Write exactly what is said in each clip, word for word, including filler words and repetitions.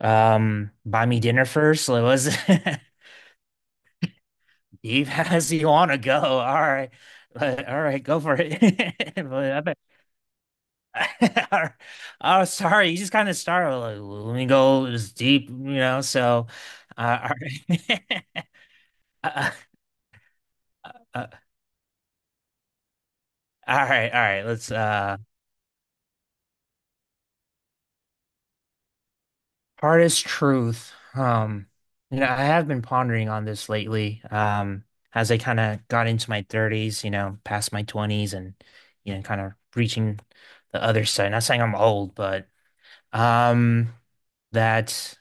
Um, buy me dinner first. It was deep as you want to go. All right. But, all right, go for it. But I bet. Oh, sorry. You just kind of start with like, let me go as deep, you know. So, uh, all right. uh, uh, all right, all right. Let's uh Hardest truth. Um, you know, I have been pondering on this lately. Um, as I kind of got into my thirties, you know, past my twenties and you know, kind of reaching the other side. Not saying I'm old, but um that,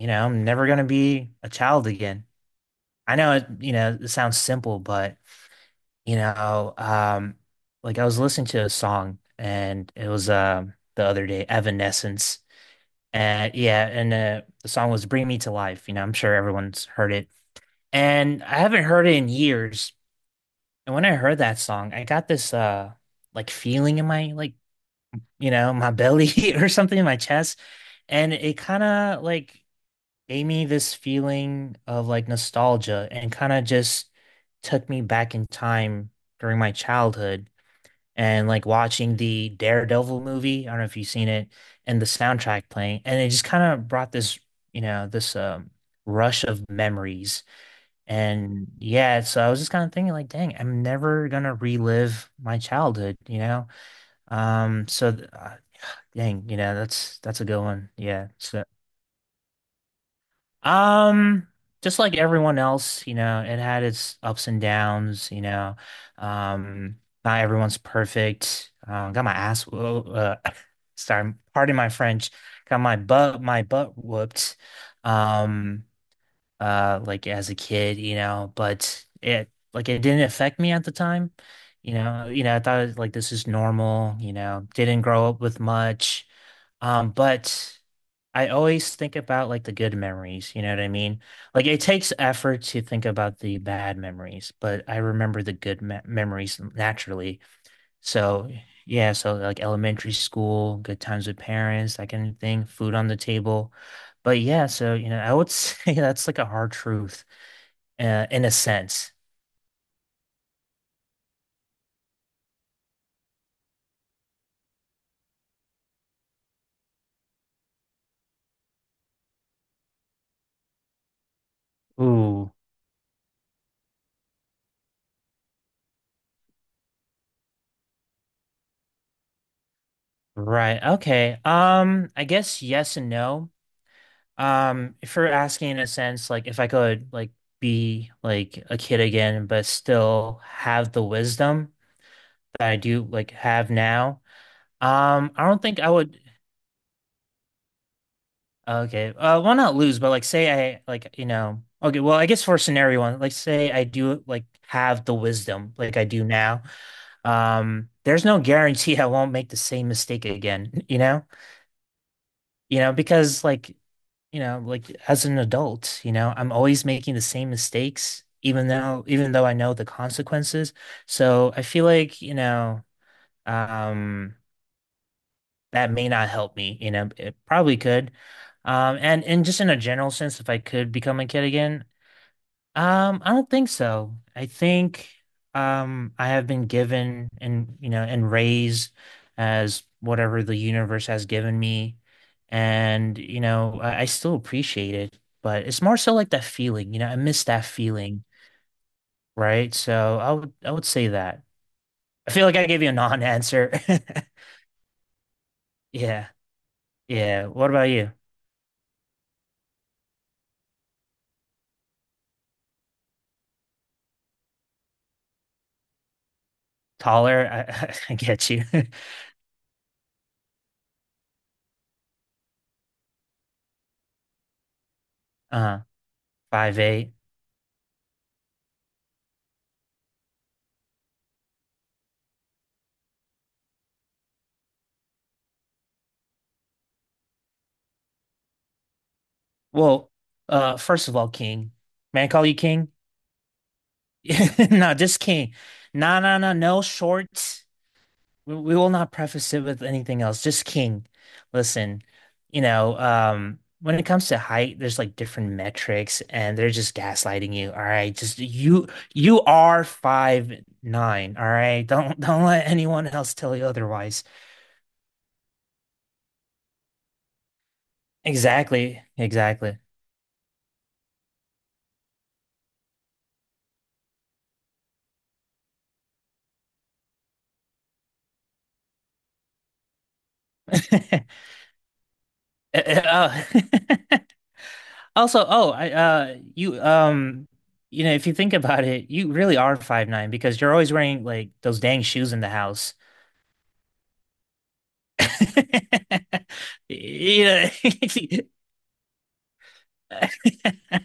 you know, I'm never gonna be a child again. I know it, you know, it sounds simple, but you know, um like I was listening to a song and it was um the other day, Evanescence. Uh, yeah, and uh, the song was "Bring Me to Life." You know, I'm sure everyone's heard it, and I haven't heard it in years. And when I heard that song, I got this uh like feeling in my like you know my belly or something in my chest, and it kind of like gave me this feeling of like nostalgia and kind of just took me back in time during my childhood and like watching the Daredevil movie. I don't know if you've seen it, and the soundtrack playing, and it just kind of brought this, you know, this um rush of memories. And yeah, so I was just kind of thinking like, dang, I'm never gonna relive my childhood, you know? Um, so th- uh, dang, you know, that's that's a good one. Yeah. So um, just like everyone else, you know, it had its ups and downs, you know. Um, not everyone's perfect. Um, got my ass, whoa, uh, sorry, pardon my French. Got my butt, my butt whooped. Um, uh, like as a kid, you know, but it like it didn't affect me at the time. You know, you know, I thought like this is normal, you know, didn't grow up with much. Um, but I always think about like the good memories, you know what I mean? Like it takes effort to think about the bad memories, but I remember the good me memories naturally. So, yeah, so like elementary school, good times with parents, that kind of thing, food on the table. But yeah, so you know, I would say that's like a hard truth, uh, in a sense. Ooh, right. Okay. Um, I guess yes and no. Um, if you're asking in a sense, like if I could like be like a kid again, but still have the wisdom that I do like have now, um, I don't think I would. Okay, uh, well, not lose, but like say I like you know. Okay, well, I guess for scenario one, like say I do like have the wisdom like I do now. Um, there's no guarantee I won't make the same mistake again, you know? You know, because like you know, like as an adult, you know, I'm always making the same mistakes, even though even though I know the consequences. So I feel like, you know, um, that may not help me, you know, it probably could. Um, and and just in a general sense, if I could become a kid again, um, I don't think so. I think um I have been given and you know and raised as whatever the universe has given me. And you know, I, I still appreciate it, but it's more so like that feeling, you know, I miss that feeling, right? So I would I would say that. I feel like I gave you a non-answer. Yeah. Yeah. What about you? Taller? I, I get you. Uh, five eight. Well, uh, first of all, King. May I call you King? Yeah, No, just king. No, no, no, no shorts. We, we will not preface it with anything else. Just king. Listen, you know, um, when it comes to height, there's like different metrics, and they're just gaslighting you. All right, just you, you are five nine. All right, don't don't let anyone else tell you otherwise. Exactly, exactly. Uh, uh, oh. Also, oh, I uh you um you know, if you think about it, you really are five nine because you're always wearing like those dang shoes in the house. You know, uh,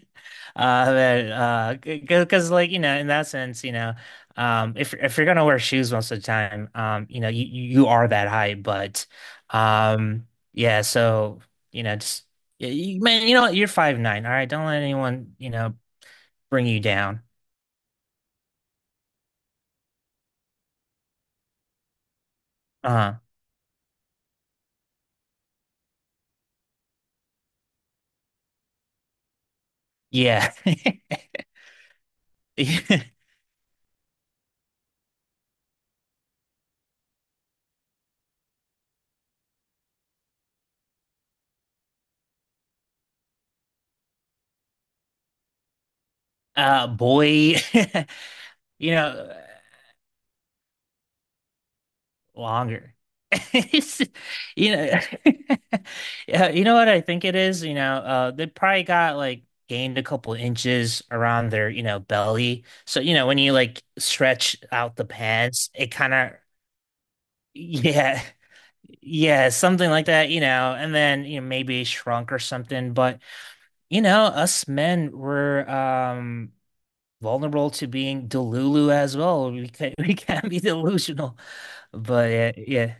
man, uh, because like you know, in that sense, you know, um, if if you're gonna wear shoes most of the time, um, you know, you you are that height, but, um, yeah, so you know, just y- y- man, you know, what, you're five nine, all right, don't let anyone you know bring you down. uh Yeah. Uh, boy, you know, longer. It's, you know, yeah, you know what I think it is? You know, uh, they probably got like gained a couple inches around their, you know, belly. So, you know, when you like stretch out the pants, it kind of, yeah, yeah, something like that, you know, and then, you know, maybe shrunk or something. But, you know, us men were, um, vulnerable to being delulu as well. We can we can be delusional, but yeah, yeah,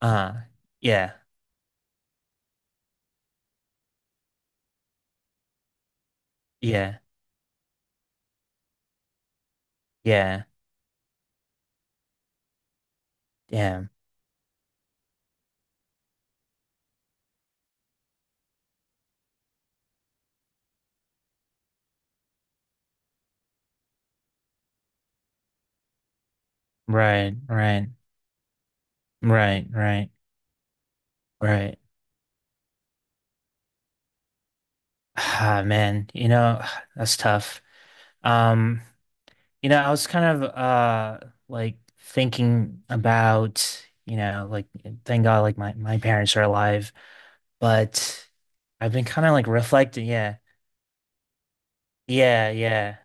uh, yeah, yeah, yeah, yeah. Right, right, right, right, right. Ah, man, you know, that's tough. Um, you know, I was kind of uh like thinking about, you know, like thank God like my my parents are alive, but I've been kind of like reflecting, yeah. Yeah, yeah.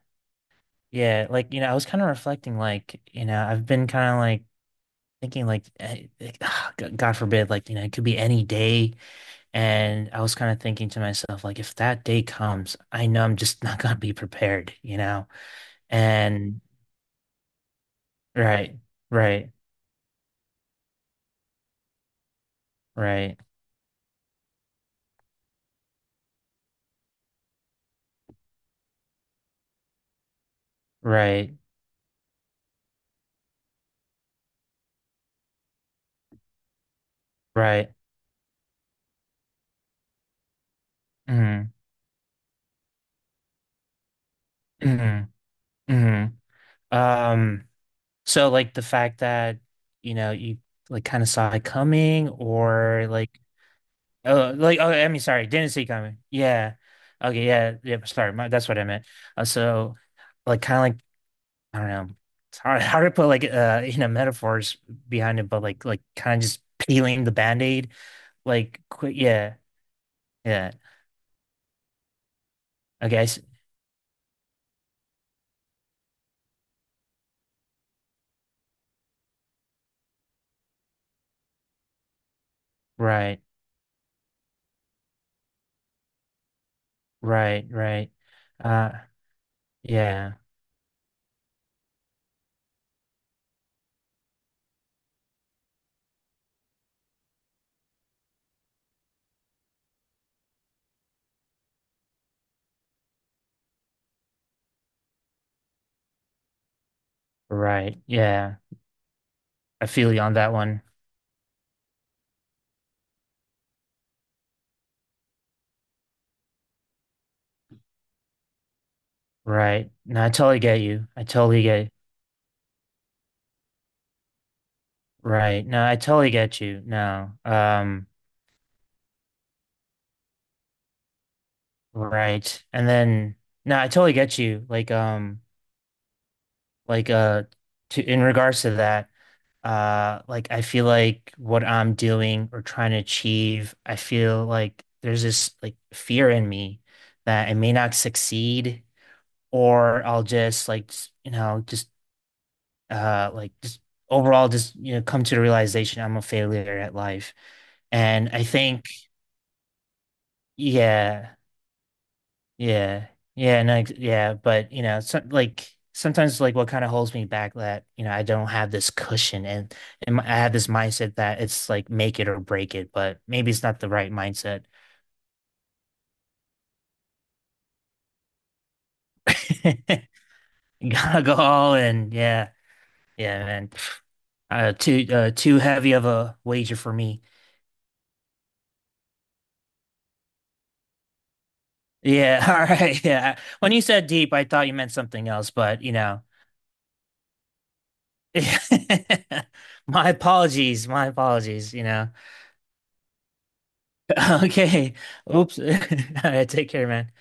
Yeah, like you know, I was kind of reflecting, like you know, I've been kind of like thinking, like, eh, like, ah, g- God forbid, like you know, it could be any day, and I was kind of thinking to myself, like, if that day comes, I know I'm just not gonna be prepared, you know, and right, right, right, right, right, mm, mm, mm. Um, so like the fact that you know you like kind of saw it coming, or like. Oh, like oh, I mean, sorry, didn't see coming. Yeah. Okay, yeah, yeah. Sorry, my, that's what I meant. Uh, so, like, kind of like I don't know. It's hard, hard to put like uh, you know, metaphors behind it, but like, like kind of just peeling the band-aid, like, quick. Yeah, yeah. Okay, I s right, right, right. Uh, yeah, right, yeah. I feel you on that one. Right. No, I totally get you. I totally get. Right. No, I totally get you. No. Um. Right. And then no, I totally get you. Like um like uh to in regards to that, uh like I feel like what I'm doing or trying to achieve, I feel like there's this like fear in me that I may not succeed or I'll just like s- you know just uh like just overall just you know come to the realization I'm a failure at life. And I think yeah, Yeah. Yeah. No, ex- yeah. But, you know, some, like sometimes, like what kind of holds me back that, you know, I don't have this cushion and, and I have this mindset that it's like make it or break it, but maybe it's not the right mindset. You gotta go all in. Yeah. Yeah, man. Uh, too, uh, too heavy of a wager for me. Yeah. All right. Yeah. When you said deep, I thought you meant something else, but, you know, my apologies. My apologies, you know. Okay. Oops. All right, take care, man.